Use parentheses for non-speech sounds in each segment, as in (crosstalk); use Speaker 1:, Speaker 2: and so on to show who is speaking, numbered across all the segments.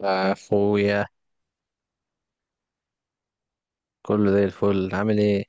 Speaker 1: أخويا. كله زي الفل، عامل إيه؟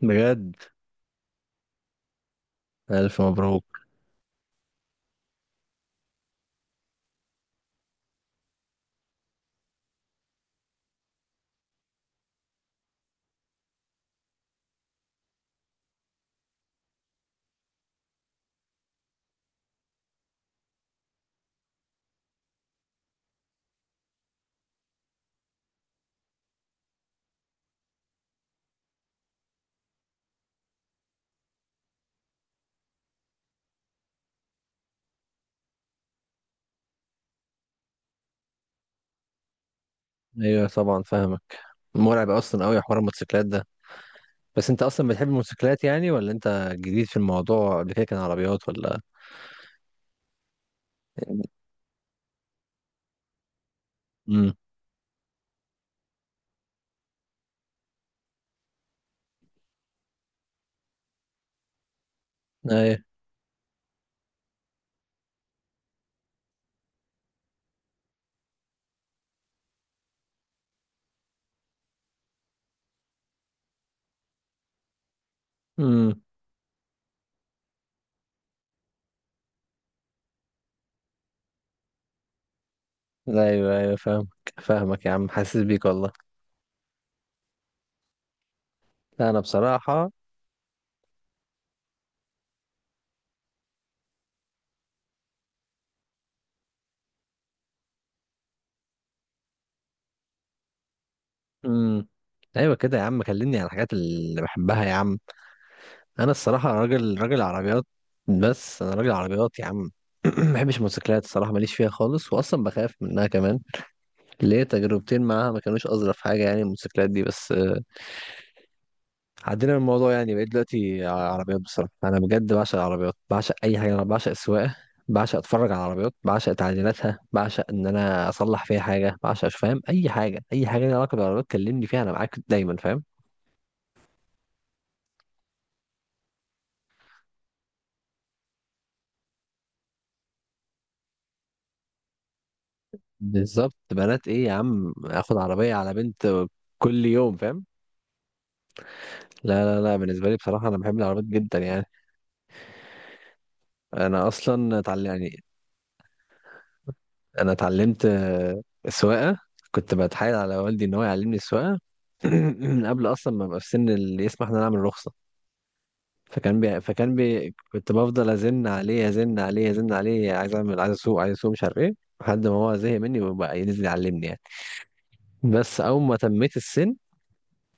Speaker 1: بجد؟ ألف مبروك. أيوه طبعا، فاهمك. مرعب أصلا أوي حوار الموتوسيكلات ده. بس أنت أصلا بتحب الموتوسيكلات يعني، ولا أنت جديد في الموضوع؟ قبل كده كان عربيات ولا؟ امم. أيوه. امم. أيوه أيوه، فاهمك. فاهمك يا عم، حاسس بيك والله. لا، أنا بصراحة. امم. أيوه كده يا عم، كلمني عن الحاجات اللي بحبها يا عم. انا الصراحه راجل راجل عربيات. بس انا راجل عربيات يا عم. (clears throat) ما بحبش الموتوسيكلات الصراحه، ماليش فيها خالص، واصلا بخاف منها كمان. ليه؟ تجربتين معاها ما كانوش اظرف حاجه يعني، الموتوسيكلات دي، بس عدينا من الموضوع يعني. بقيت دلوقتي عربيات. بصراحه انا بجد بعشق العربيات، بعشق اي حاجه، انا بعشق السواقه. بعشق اتفرج على العربيات، بعشق تعديلاتها، بعشق ان انا اصلح فيها حاجه، بعشق فاهم، اي حاجه، اي حاجه ليها علاقه بالعربيات كلمني فيها، انا معاك دايما فاهم. بالظبط. بنات ايه يا عم؟ اخد عربيه على بنت كل يوم فاهم. لا لا لا، بالنسبة لي بصراحة أنا بحب العربيات جدا يعني. أنا أصلا اتعلم يعني. أنا اتعلمت سواقة. كنت بتحايل على والدي إن هو يعلمني السواقة (clears throat) من قبل أصلا ما أبقى في سن اللي يسمح إن أنا أعمل رخصة. كنت بفضل أزن عليه أزن عليه أزن عليه، عايز أعمل، عايز أسوق عايز أسوق، مش عارف إيه. لحد ما هو زهق مني وبقى ينزل يعلمني يعني. بس أول ما تميت السن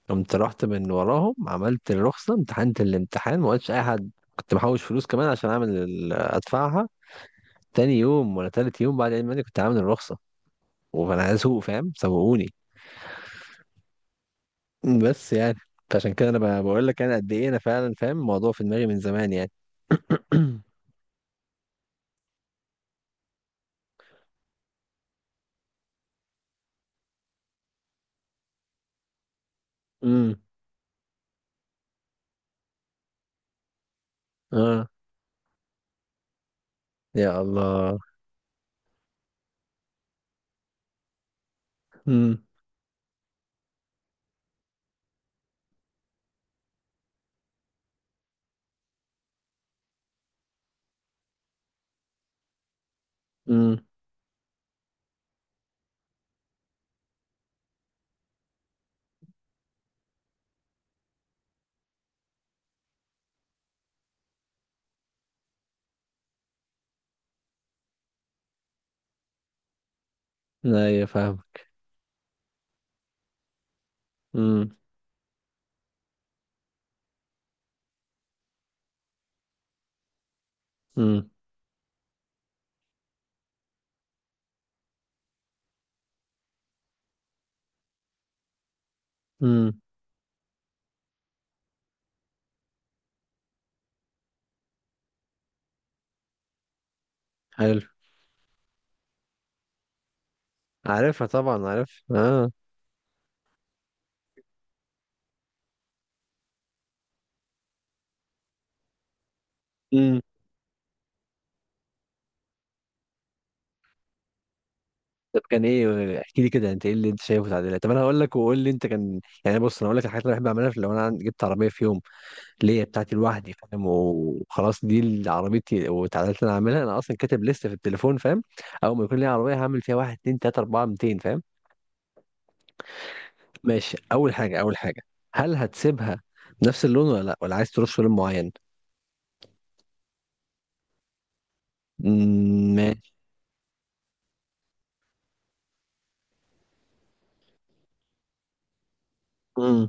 Speaker 1: قمت رحت من وراهم، عملت الرخصة، امتحنت الامتحان، ما قلتش أي حد، كنت محوش فلوس كمان عشان أعمل أدفعها. تاني يوم ولا تالت يوم بعد عيد ميلادي كنت عامل الرخصة. وأنا عايز أسوق فاهم، سوقوني. بس يعني، فعشان كده أنا بقول لك أنا قد إيه أنا فعلا فاهم الموضوع في دماغي من زمان يعني. (coughs) (clears throat) امم اه. يا الله. امم. امم. ايوه فاهم. امم. امم. امم. حلو. عارفها طبعا، عارف اه. امم. طب كان ايه، احكي لي كده، انت ايه اللي انت شايفه تعديلات؟ طب انا هقول لك وقول لي انت، كان يعني، بص انا هقول لك الحاجات اللي بحب اعملها لو انا جبت عربيه في يوم ليا بتاعتي لوحدي فاهم وخلاص، دي اللي عربيتي، وتعديلات اللي انا عاملها انا اصلا كاتب لسه في التليفون فاهم. اول ما يكون ليا عربيه هعمل فيها واحد اتنين تلاته اربعه 200 فاهم. ماشي، اول حاجه اول حاجه، هل هتسيبها نفس اللون ولا لا، ولا عايز تروح في لون معين؟ مم، ماشي. مم.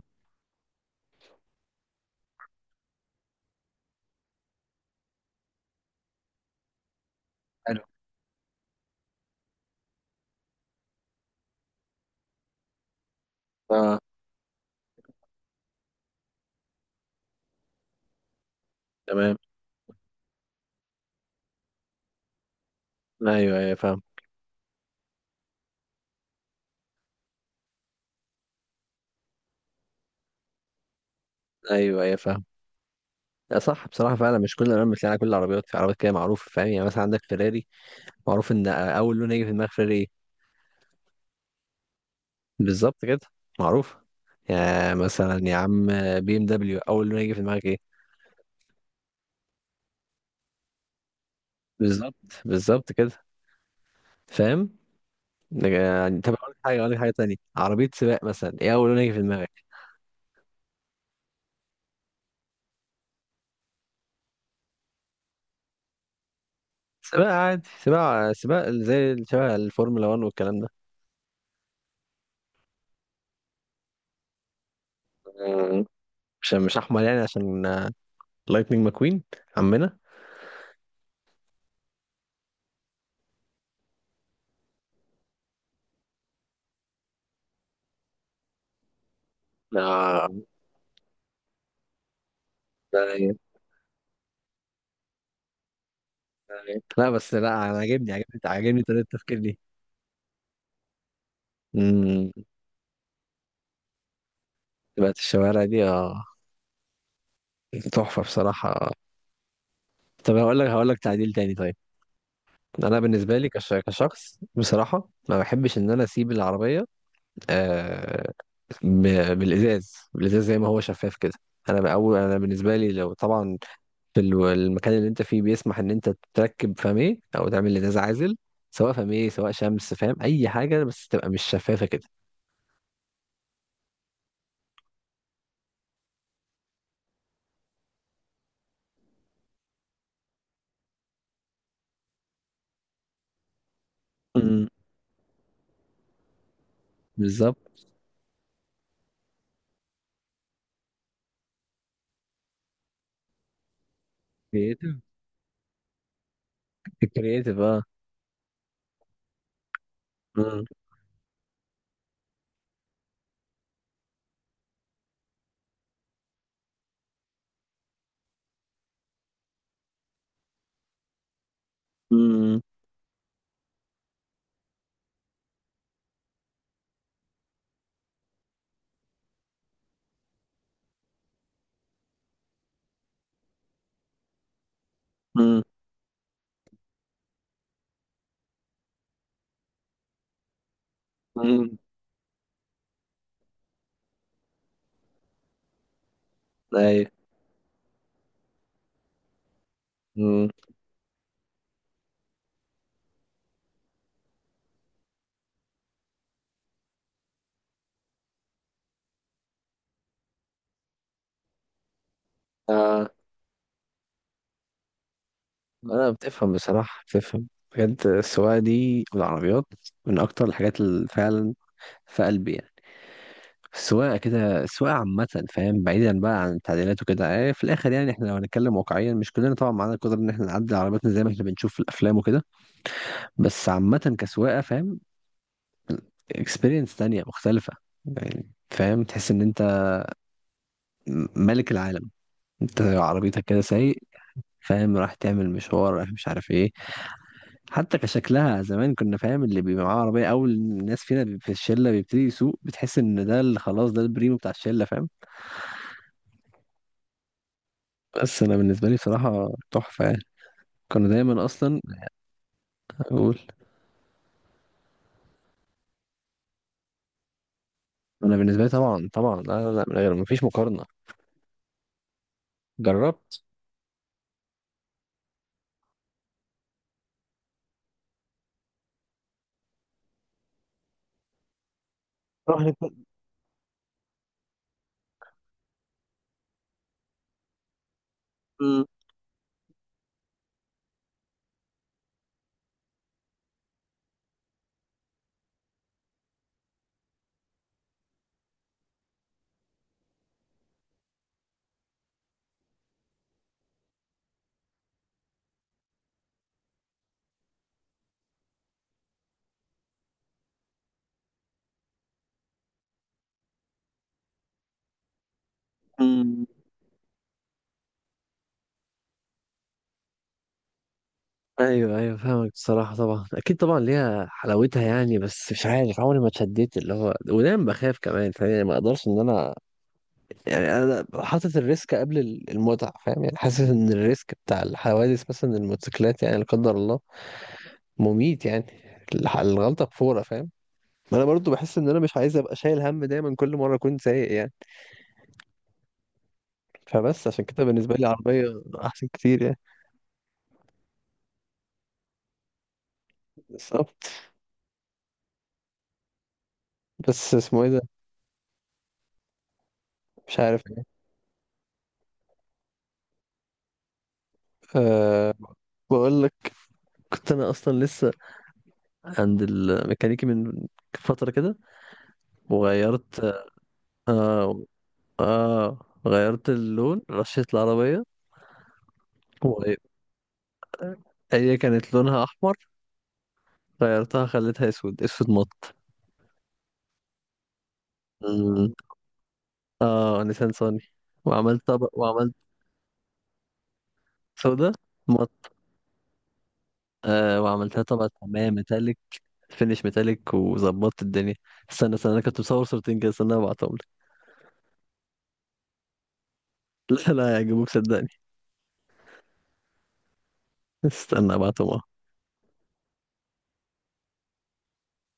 Speaker 1: حلو. اه. تمام. ايوه ايوه فاهم. ايوه ايوه فاهم. لا صح بصراحة، فعلا مش كل الألوان بتلاقي على كل العربيات، في عربيات كده معروفة فاهم. يعني مثلا عندك فيراري، معروف إن أول لون هيجي في دماغ فيراري إيه؟ بالظبط كده. معروف. يعني مثلا يا عم، بي ام دبليو اول ما يجي في دماغك ايه؟ بالظبط. بالظبط كده. فاهم. يعني طب اقول لك حاجه، اقول لك حاجه تانية، عربيه سباق مثلا ايه اول ما يجي في دماغك؟ سباق عادي، سباق سباق زي شبه الفورمولا 1 والكلام ده. مم. مش احمر يعني، عشان لايتنينج ماكوين عمنا. آه. طيب. طيب. لا بس لا، انا عاجبني عاجبني عاجبني طريقه التفكير دي. امم. سباقات الشوارع دي اه. تحفه بصراحه. طب هقول لك، هقول لك تعديل تاني طيب. انا بالنسبه لي كشخص بصراحه ما بحبش ان انا اسيب العربيه. آه. بالازاز بالازاز زي ما هو شفاف كده. انا بأول انا بالنسبه لي، لو طبعا في المكان اللي انت فيه بيسمح ان انت تركب فميه او تعمل ازاز عازل، سواء فميه سواء شمس، فاهم اي حاجه بس تبقى مش شفافه كده. امم. بالظبط. كرييتيف. الكرييتيف اه. امم. امم. امم. ايوه. امم. لا بتفهم بصراحة، بتفهم. بجد السواقة دي والعربيات من أكتر الحاجات اللي فعلا في قلبي يعني. السواقة كده، السواقة عامة فاهم، بعيدا بقى عن التعديلات وكده. في الآخر يعني، إحنا لو هنتكلم واقعيا مش كلنا طبعا معانا القدرة إن إحنا نعدل عربياتنا زي ما إحنا بنشوف في الأفلام وكده. بس عامة كسواقة فاهم، إكسبيرينس تانية مختلفة. يعني فاهم تحس إن أنت ملك العالم، أنت عربيتك كده سايق فاهم، راح تعمل مشوار راح، مش عارف إيه. حتى كشكلها زمان كنا فاهم اللي بيبقى معاه عربية أول الناس فينا في الشلة بيبتدي يسوق بتحس إن ده اللي خلاص ده البريمو بتاع الشلة فاهم. بس أنا بالنسبة لي بصراحة تحفة يعني. كانوا دايما أصلا أقول. أنا بالنسبة لي طبعا طبعا، لا لا لا، من غير مفيش مقارنة. جربت. روح نت- م- م- أيوه أيوه فاهمك بصراحة، طبعا أكيد طبعا ليها حلاوتها يعني، بس مش عارف عمري ما اتشديت اللي هو، ودايما بخاف كمان فاهم يعني، ما أقدرش إن أنا. يعني انا حاطط الريسك قبل المتعه فاهم يعني. حاسس ان الريسك بتاع الحوادث مثلا الموتوسيكلات يعني، لا قدر الله، مميت يعني. الغلطه بفوره فاهم. ما انا برضو بحس ان انا مش عايز ابقى شايل هم دايما كل مره اكون سايق يعني. فبس عشان كده بالنسبه لي عربيه احسن كتير يعني. بالظبط. بس اسمه ايه ده، مش عارف يعني. أه. بقول لك، كنت انا اصلا لسه عند الميكانيكي من فتره كده، وغيرت. اه. اه. غيرت اللون، رشيت العربيه. هي كانت لونها احمر، غيرتها خليتها اسود، اسود مط. مم. اه نيسان صاني. وعملت طبق، وعملت سودا مط. آه، وعملتها طبقة حماية ميتاليك، فينش ميتاليك، وظبطت الدنيا. استنى استنى، انا كنت مصور صورتين كده، استنى ابعتهم لك. (laughs) لا لا هيعجبوك صدقني. استنى ابعتهم